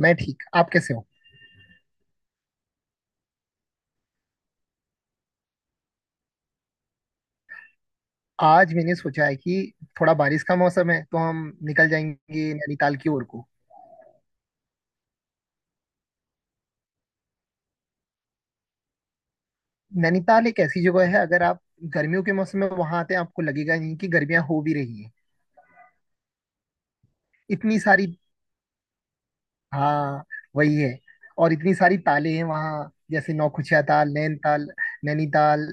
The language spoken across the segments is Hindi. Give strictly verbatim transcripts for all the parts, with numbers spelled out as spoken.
मैं ठीक। आप कैसे हो? आज मैंने सोचा है कि थोड़ा बारिश का मौसम है तो हम निकल जाएंगे नैनीताल की ओर को। नैनीताल एक ऐसी जगह है, अगर आप गर्मियों के मौसम में वहां आते हैं आपको लगेगा नहीं कि गर्मियां हो भी रही हैं। इतनी सारी। हाँ। वही है। और इतनी सारी ताले हैं वहाँ, जैसे नौखुचिया ताल, नैनीताल। नैनीताल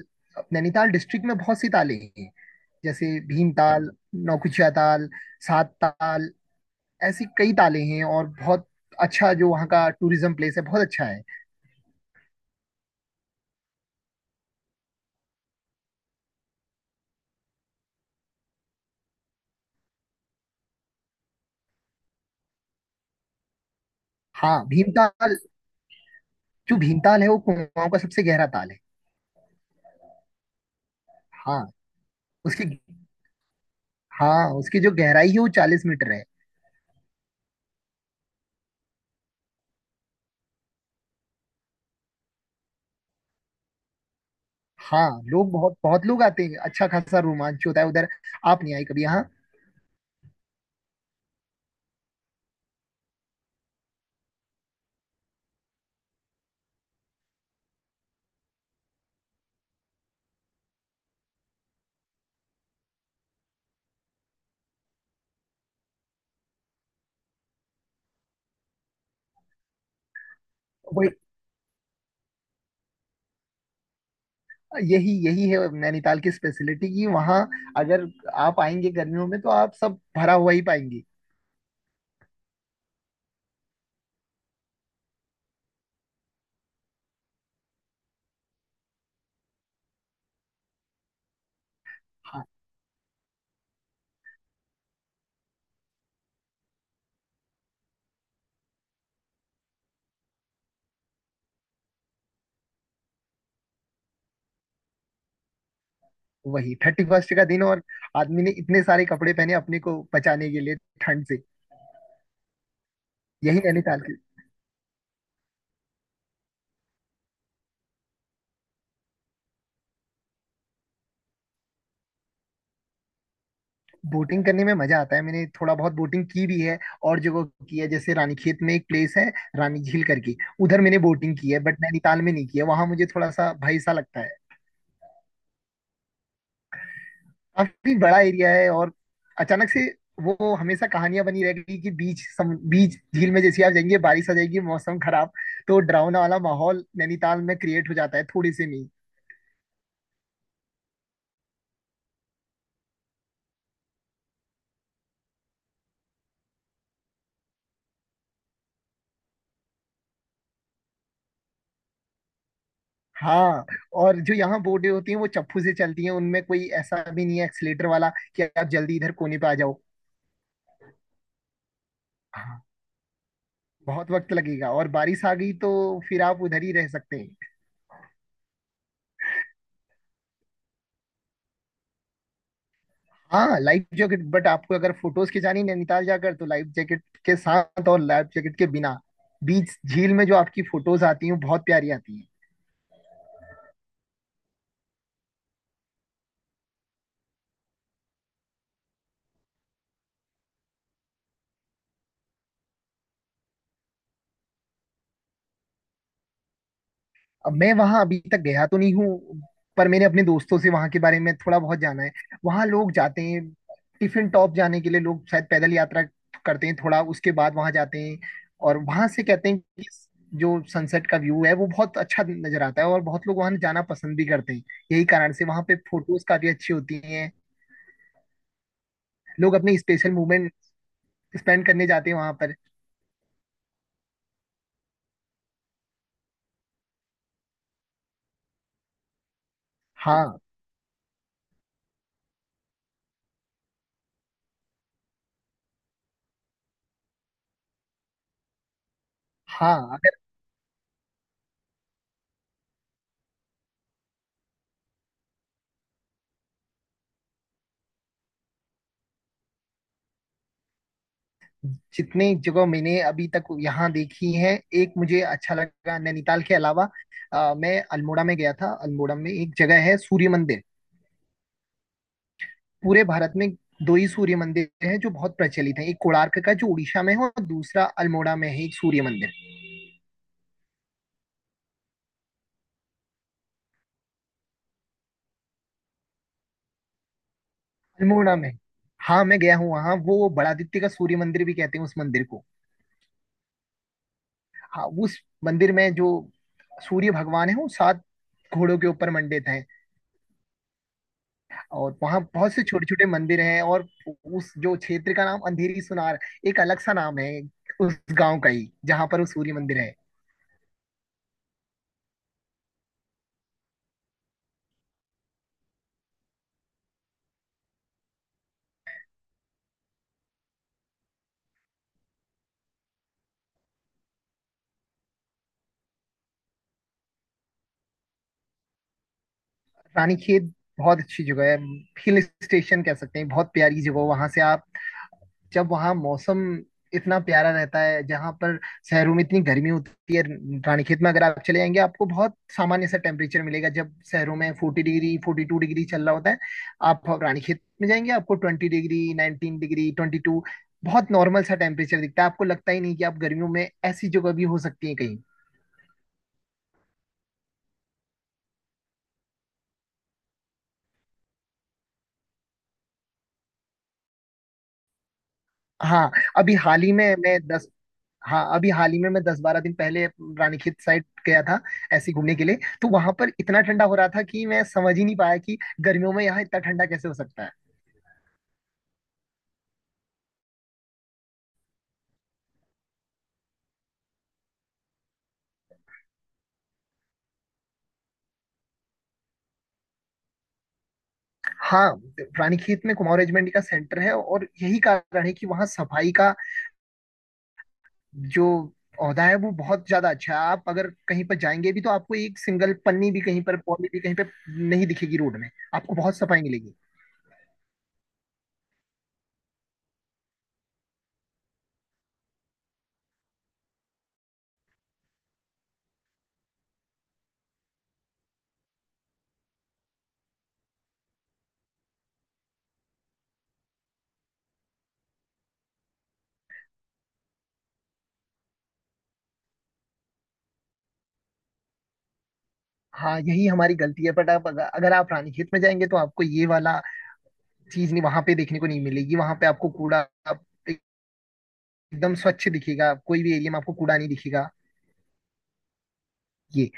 नैनीताल डिस्ट्रिक्ट में बहुत सी ताले हैं, जैसे भीमताल, नौकुचिया ताल, सात ताल। ऐसी कई ताले हैं और बहुत अच्छा जो वहाँ का टूरिज्म प्लेस है, बहुत अच्छा है। हाँ, भीमताल। जो भीमताल है वो कुमाऊं का सबसे गहरा ताल है। हाँ उसकी हाँ उसकी जो गहराई है वो चालीस मीटर है। हाँ, लोग, बहुत बहुत लोग आते हैं, अच्छा खासा रोमांच होता है उधर। आप नहीं आए कभी यहाँ? वही यही यही है नैनीताल की स्पेशलिटी, कि वहाँ अगर आप आएंगे गर्मियों में तो आप सब भरा हुआ ही पाएंगे। वही थर्टी फर्स्ट का दिन, और आदमी ने इतने सारे कपड़े पहने अपने को बचाने के लिए ठंड से। यही नैनीताल की बोटिंग करने में मजा आता है। मैंने थोड़ा बहुत बोटिंग की भी है, और जगह की है, जैसे रानीखेत में एक प्लेस है रानी झील करके। उधर मैंने बोटिंग की है, बट नैनीताल में नहीं की है, वहां मुझे थोड़ा सा भय सा लगता है। काफी बड़ा एरिया है, और अचानक से वो हमेशा कहानियां बनी रहेगी कि बीच सम, बीच झील में जैसे आप जाएंगे, बारिश आ जाएगी, मौसम खराब। तो डरावना वाला माहौल नैनीताल में क्रिएट हो जाता है थोड़े से में ही। हाँ। और जो यहाँ बोटें होती हैं वो चप्पू से चलती हैं, उनमें कोई ऐसा भी नहीं है एक्सीलेटर वाला कि आप जल्दी इधर कोने पे आ जाओ। हाँ, बहुत वक्त लगेगा, और बारिश आ गई तो फिर आप उधर ही रह सकते हैं। हाँ, लाइफ जैकेट। बट आपको अगर फोटोज खिंचानी नैनीताल जाकर, तो लाइफ जैकेट के साथ और लाइफ जैकेट के बिना बीच झील में जो आपकी फोटोज आती हैं वो बहुत प्यारी आती हैं। अब मैं वहां अभी तक गया तो नहीं हूँ, पर मैंने अपने दोस्तों से वहां के बारे में थोड़ा बहुत जाना है। वहां लोग जाते हैं। टिफिन टॉप जाने के लिए लोग शायद पैदल यात्रा करते हैं थोड़ा, उसके बाद वहां जाते हैं। और वहां से कहते हैं कि जो सनसेट का व्यू है वो बहुत अच्छा नजर आता है, और बहुत लोग वहां जाना पसंद भी करते हैं। यही कारण से वहां पे फोटोज काफी अच्छी होती हैं। लोग अपने स्पेशल मोमेंट स्पेंड करने जाते हैं वहां पर। हाँ, हाँ। जितनी जगह मैंने अभी तक यहाँ देखी है, एक मुझे अच्छा लगा नैनीताल के अलावा। अ, मैं अल्मोड़ा में गया था। अल्मोड़ा में एक जगह है सूर्य मंदिर। पूरे भारत में दो ही सूर्य मंदिर हैं जो बहुत प्रचलित हैं, एक कोणार्क का जो उड़ीसा में है, और दूसरा अल्मोड़ा में है, एक सूर्य मंदिर। अल्मोड़ा में, हाँ, मैं गया हूँ वहाँ। वो बड़ादित्य का सूर्य मंदिर भी कहते हैं उस मंदिर को। हाँ, उस मंदिर में जो सूर्य भगवान है वो सात घोड़ों के ऊपर मंडित है। और वहाँ बहुत से छोटे छोटे मंदिर हैं। और उस जो क्षेत्र का नाम अंधेरी सुनार, एक अलग सा नाम है, उस गांव का ही जहाँ पर वो सूर्य मंदिर है। रानीखेत बहुत अच्छी जगह है। हिल स्टेशन कह सकते हैं। बहुत प्यारी जगह, वहां से आप, जब वहाँ मौसम इतना प्यारा रहता है जहाँ पर शहरों में इतनी गर्मी होती है। रानीखेत में अगर आप चले जाएंगे, आपको बहुत सामान्य सा टेम्परेचर मिलेगा। जब शहरों में forty degree forty two degree चल रहा होता है, आप रानीखेत में जाएंगे, आपको twenty degree nineteen degree twenty two, बहुत नॉर्मल सा टेम्परेचर दिखता है। आपको लगता ही नहीं कि आप गर्मियों में ऐसी जगह भी हो सकती है कहीं। हाँ, अभी हाल ही में मैं दस हाँ अभी हाल ही में मैं दस बारह दिन पहले रानीखेत साइड गया था, ऐसे ही घूमने के लिए। तो वहां पर इतना ठंडा हो रहा था कि मैं समझ ही नहीं पाया कि गर्मियों में यहाँ इतना ठंडा कैसे हो सकता है। हाँ। रानीखेत में कुमार रेजिमेंट का सेंटर है, और यही कारण है कि वहाँ सफाई का जो औहदा है वो बहुत ज्यादा अच्छा है। आप अगर कहीं पर जाएंगे भी तो आपको एक सिंगल पन्नी भी कहीं पर, पौली भी कहीं पर नहीं दिखेगी रोड में। आपको बहुत सफाई मिलेगी। हाँ, यही हमारी गलती है। बट आप अगर, अगर आप रानीखेत में जाएंगे तो आपको ये वाला चीज नहीं, वहां पे देखने को नहीं मिलेगी। वहां पे आपको कूड़ा आप एकदम स्वच्छ दिखेगा। कोई भी एरिया में आपको कूड़ा नहीं दिखेगा। ये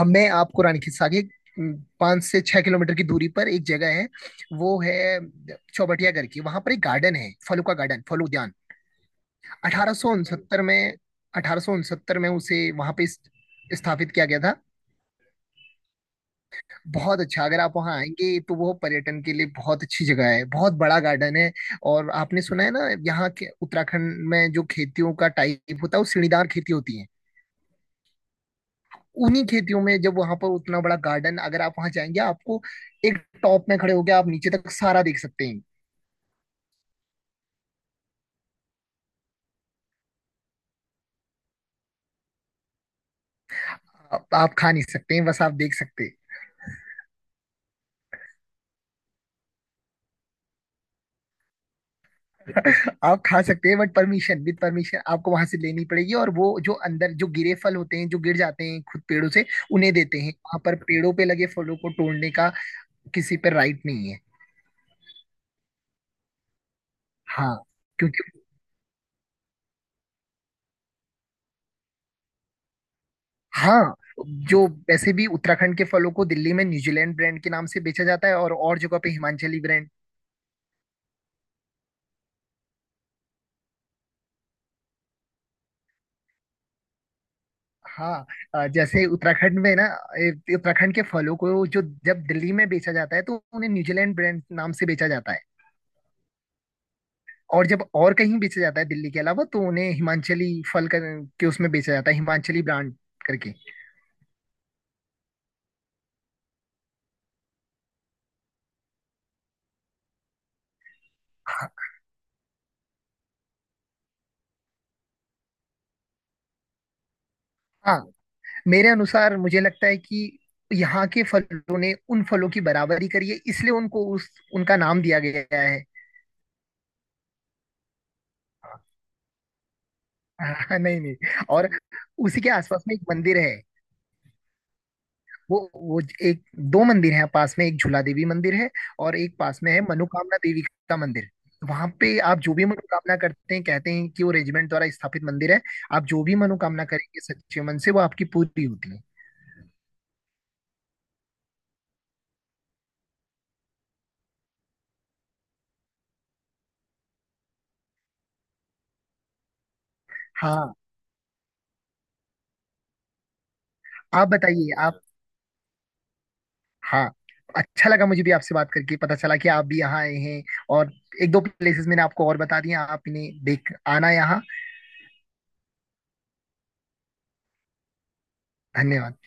अब मैं आपको रानीखेत से आगे उम, पाँच से छह किलोमीटर की दूरी पर एक जगह है, वो है चौबटिया करके। वहां पर एक गार्डन है, फलों का गार्डन, फल उद्यान। अठारह सौ उनसत्तर में अठारह सौ उनसत्तर में उसे वहां पे स्थापित किया गया था। बहुत अच्छा, अगर आप वहाँ आएंगे तो वो पर्यटन के लिए बहुत अच्छी जगह है, बहुत बड़ा गार्डन है। और आपने सुना है ना, यहाँ के उत्तराखंड में जो खेतियों का टाइप होता है वो सीढ़ीदार खेती होती है। उन्हीं खेतियों में जब वहाँ पर उतना बड़ा गार्डन, अगर आप वहाँ जाएंगे आपको, एक टॉप में खड़े होके आप नीचे तक सारा देख सकते हैं। आप आप खा नहीं सकते हैं, बस आप देख सकते हैं। आप खा सकते हैं, बट परमिशन, विद परमिशन आपको वहां से लेनी पड़ेगी। और वो जो अंदर जो गिरे फल होते हैं जो गिर जाते हैं खुद पेड़ों से, उन्हें देते हैं। वहां पर पेड़ों पे लगे फलों को तोड़ने का किसी पे राइट नहीं है। हाँ। क्योंकि। हाँ, जो वैसे भी उत्तराखंड के फलों को दिल्ली में न्यूजीलैंड ब्रांड के नाम से बेचा जाता है, और और जगह पे हिमाचली ब्रांड। हाँ। अ, जैसे उत्तराखंड में ना, ए, उत्तराखंड के फलों को जो, जब दिल्ली में बेचा जाता है तो उन्हें न्यूजीलैंड ब्रांड नाम से बेचा जाता है। और जब और कहीं बेचा जाता है दिल्ली के अलावा, तो उन्हें हिमाचली फल कर, के उसमें बेचा जाता है, हिमाचली ब्रांड करके। हाँ, हाँ, मेरे अनुसार मुझे लगता है कि यहाँ के फलों ने उन फलों की बराबरी करी है, इसलिए उनको उस, उनका नाम दिया गया है। हाँ, नहीं नहीं, और उसी के आसपास में एक मंदिर है। वो वो एक, दो मंदिर हैं पास में। एक झूला देवी मंदिर है, और एक पास में है मनोकामना देवी का मंदिर। वहां पे आप जो भी मनोकामना करते हैं, कहते हैं कि वो रेजिमेंट द्वारा स्थापित मंदिर है। आप जो भी मनोकामना करेंगे सच्चे मन से वो आपकी पूरी होती है। हाँ। आप बताइए आप। हाँ, अच्छा लगा मुझे भी आपसे बात करके, पता चला कि आप भी यहाँ आए हैं, और एक दो प्लेसेस मैंने आपको और बता दिए, आपने देख आना यहाँ। धन्यवाद।